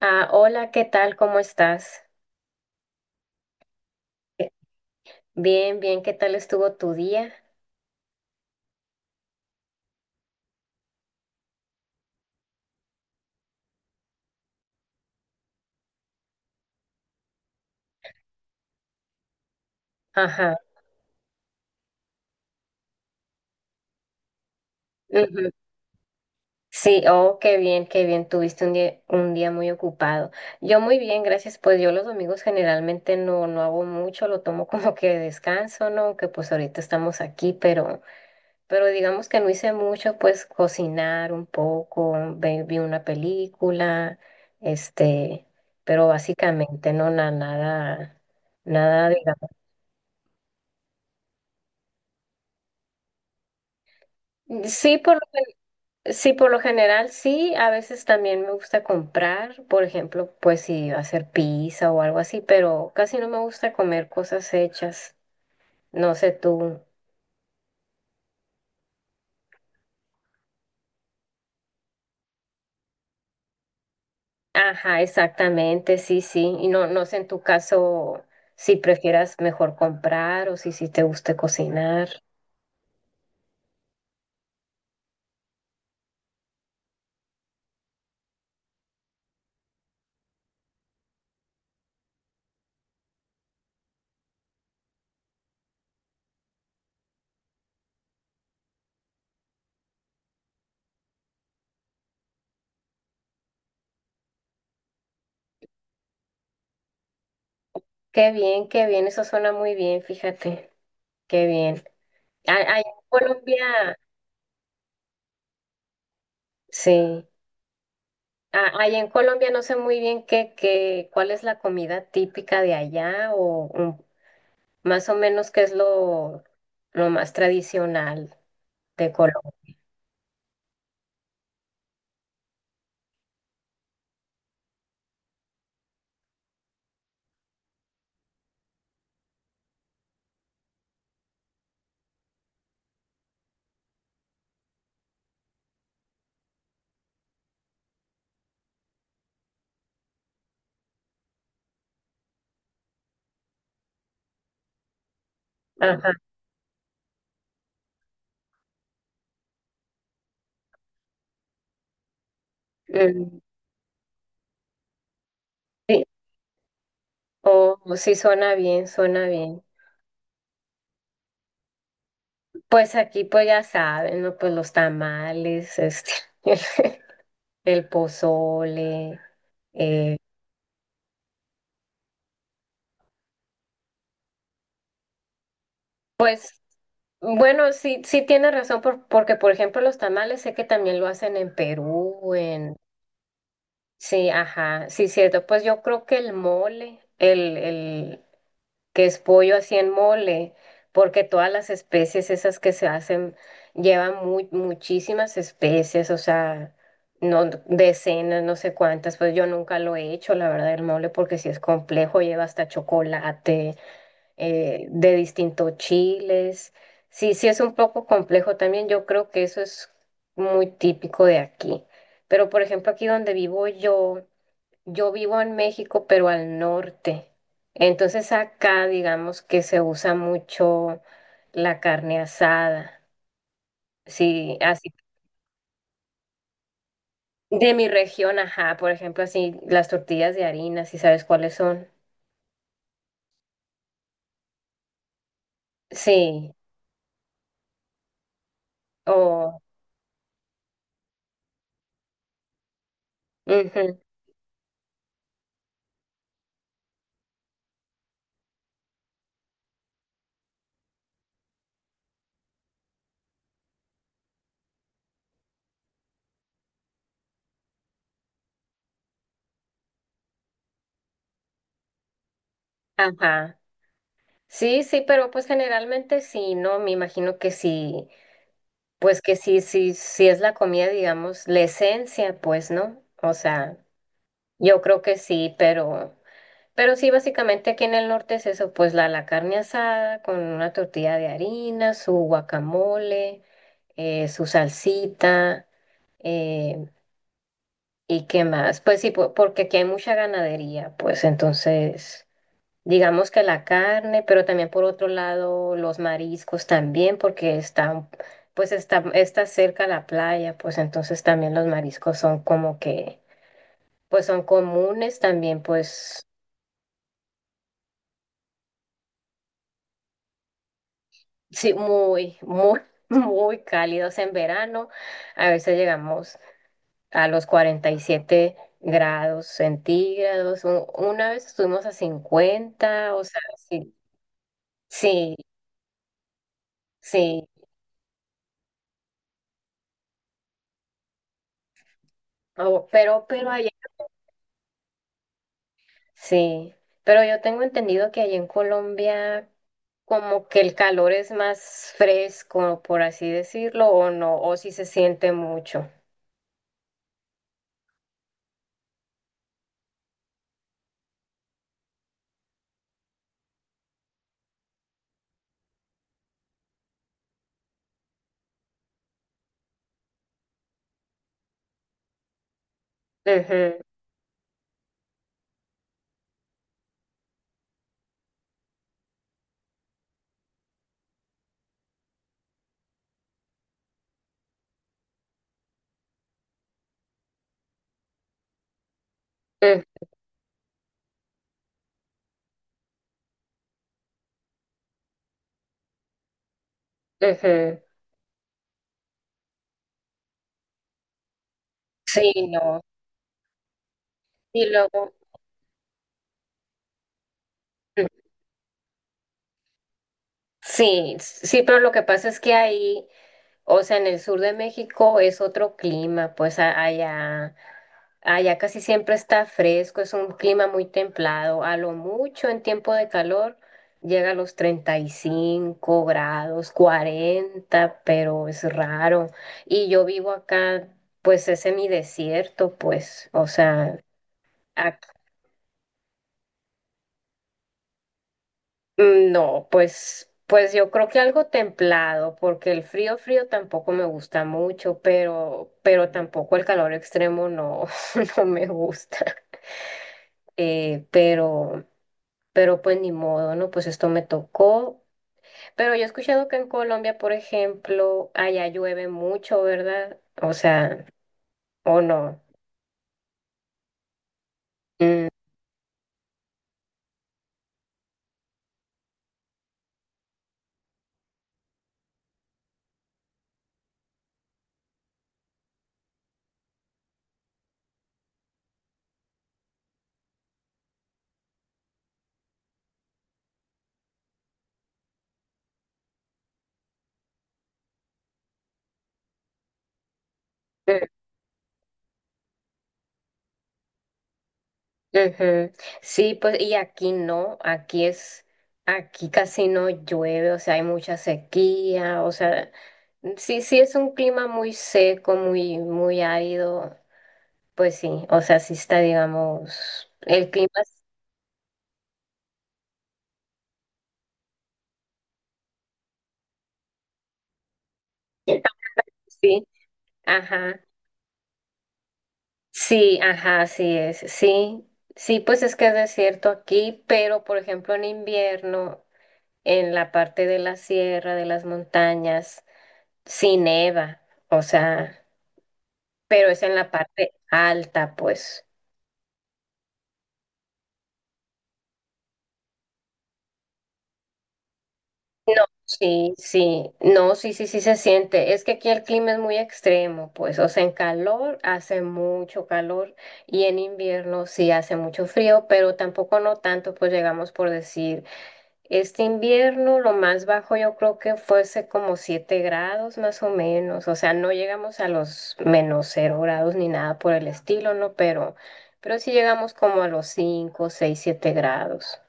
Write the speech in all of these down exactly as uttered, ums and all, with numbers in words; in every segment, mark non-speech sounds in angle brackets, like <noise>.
Ah, hola, ¿qué tal? ¿Cómo estás? Eh, Bien, bien, ¿qué tal estuvo tu día? Ajá. Ujú. Sí, oh, qué bien, qué bien, tuviste un día, un día muy ocupado. Yo muy bien, gracias. Pues yo los domingos generalmente no, no hago mucho, lo tomo como que de descanso, ¿no? Aunque pues ahorita estamos aquí, pero, pero digamos que no hice mucho, pues cocinar un poco, ve- vi una película, este, pero básicamente no, na- nada, nada, digamos. Sí, por Sí, por lo general sí, a veces también me gusta comprar, por ejemplo, pues si hacer pizza o algo así, pero casi no me gusta comer cosas hechas. No sé tú. Ajá, exactamente, sí, sí. Y no, no sé en tu caso si prefieras mejor comprar o si sí te guste cocinar. Qué bien, qué bien, eso suena muy bien, fíjate, qué bien. A- Allá en Colombia, sí. Ah, ahí en Colombia no sé muy bien qué, qué, cuál es la comida típica de allá o mm, más o menos qué es lo, lo más tradicional de Colombia. Ajá. Mm, sí. Oh, sí suena bien, suena bien. Pues aquí pues ya saben, ¿no? Pues los tamales, este, <laughs> el pozole, eh, pues bueno, sí, sí tiene razón por- porque por ejemplo los tamales sé que también lo hacen en Perú, en Sí, ajá, sí, cierto. Pues yo creo que el mole, el, el que es pollo así en mole, porque todas las especies esas que se hacen llevan muy muchísimas especies, o sea, no decenas, no sé cuántas. Pues yo nunca lo he hecho, la verdad, el mole, porque sí es complejo, lleva hasta chocolate, eh, de distintos chiles. Sí, sí es un poco complejo también. Yo creo que eso es muy típico de aquí. Pero por ejemplo, aquí donde vivo yo yo vivo en México, pero al norte. Entonces acá digamos que se usa mucho la carne asada. Sí, así. De mi región, ajá, por ejemplo, así las tortillas de harina, si sabes cuáles son. Sí, o... Ujú, ajá. Sí, sí, pero pues generalmente sí, ¿no? Me imagino que sí, pues que sí, sí, sí es la comida, digamos, la esencia, pues, ¿no? O sea, yo creo que sí, pero... Pero sí, básicamente aquí en el norte es eso, pues la, la carne asada con una tortilla de harina, su guacamole, eh, su salsita, eh, ¿y qué más? Pues sí, po- porque aquí hay mucha ganadería, pues entonces, digamos que la carne, pero también por otro lado los mariscos también, porque está, pues está, está cerca la playa, pues entonces también los mariscos son como que, pues son comunes también, pues. Sí, muy, muy, <laughs> muy cálidos en verano. A veces llegamos a los cuarenta y siete grados centígrados. U- Una vez estuvimos a cincuenta, o sea, sí, sí, sí. Oh, pero, pero allá, sí. Pero yo tengo entendido que allá en Colombia como que el calor es más fresco, por así decirlo, o no, o si se siente mucho. Ujú, ujú, ujú. Sí, no. Y luego... Sí, sí, pero lo que pasa es que ahí, o sea, en el sur de México es otro clima, pues a- allá, allá casi siempre está fresco, es un clima muy templado, a lo mucho en tiempo de calor llega a los treinta y cinco grados, cuarenta, pero es raro. Y yo vivo acá, pues es semidesierto, pues, o sea, Mm, no, pues, pues, yo creo que algo templado, porque el frío frío tampoco me gusta mucho, pero, pero tampoco el calor extremo no, <laughs> no me gusta. Eh, pero, pero pues ni modo, ¿no? Pues esto me tocó. Pero yo he escuchado que en Colombia, por ejemplo, allá llueve mucho, ¿verdad? O sea, o no. Mm, mm. Ujú. Sí, pues y aquí no, aquí es, aquí casi no llueve, o sea, hay mucha sequía, o sea, sí, sí es un clima muy seco, muy, muy árido, pues sí, o sea, sí está, digamos, el clima, es- <laughs> sí, ajá, sí, ajá, así es, sí, sí, pues es que es desierto aquí, pero por ejemplo en invierno, en la parte de la sierra, de las montañas, sí neva, o sea, pero es en la parte alta, pues. No, sí, sí, no, sí, sí, sí se siente. Es que aquí el clima es muy extremo, pues, o sea, en calor hace mucho calor y en invierno sí hace mucho frío, pero tampoco no tanto, pues llegamos por decir, este invierno lo más bajo yo creo que fuese como siete grados más o menos, o sea, no llegamos a los menos cero grados ni nada por el estilo, ¿no? Pero, pero, sí llegamos como a los cinco seis siete grados.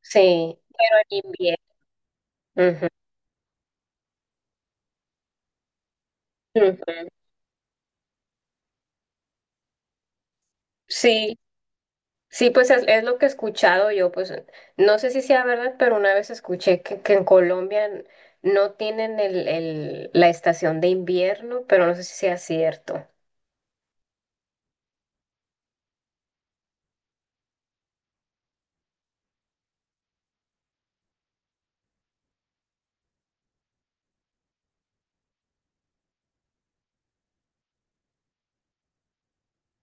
Sí, pero en invierno. Ujú, ujú. Sí, sí, pues es, es lo que he escuchado yo, pues no sé si sea verdad, pero una vez escuché que, que en Colombia n- no tienen el, el, la estación de invierno, pero no sé si sea cierto.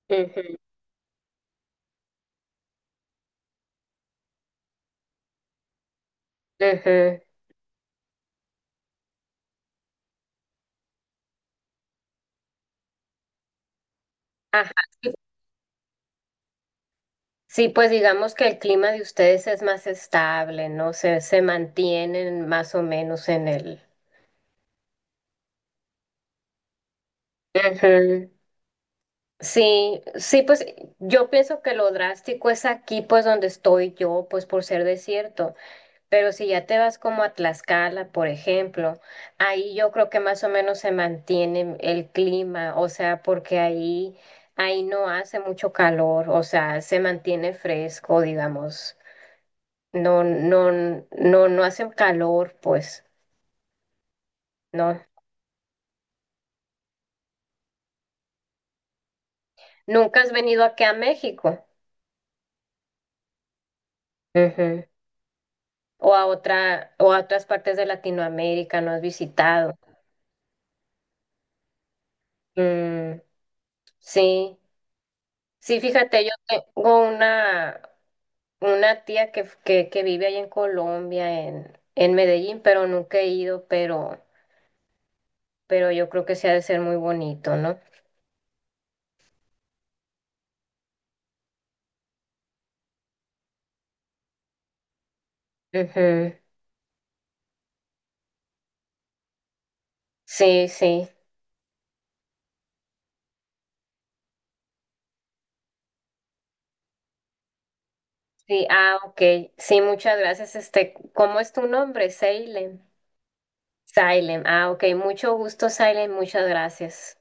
Ujú, ujú. Ajá. Sí, sí, pues digamos que el clima de ustedes es más estable, ¿no? Se, se mantienen más o menos en el... Ujú. Sí, sí, pues yo pienso que lo drástico es aquí, pues donde estoy yo, pues por ser desierto, pero si ya te vas como a Tlaxcala, por ejemplo, ahí yo creo que más o menos se mantiene el clima, o sea, porque ahí, ahí no hace mucho calor, o sea, se mantiene fresco, digamos, no, no, no, no hace calor, pues, no. ¿Nunca has venido aquí a México? O a otra, o a otras partes de Latinoamérica, no has visitado. Mm, sí, sí, fíjate, yo tengo una, una, tía que, que, que vive ahí en Colombia, en, en Medellín, pero nunca he ido, pero, pero yo creo que sí ha de ser muy bonito, ¿no? Ujú. Sí, sí, sí, ah, ok, sí, muchas gracias. Este, ¿cómo es tu nombre? Salem. Salem, ah, ok, mucho gusto, Salem, muchas gracias.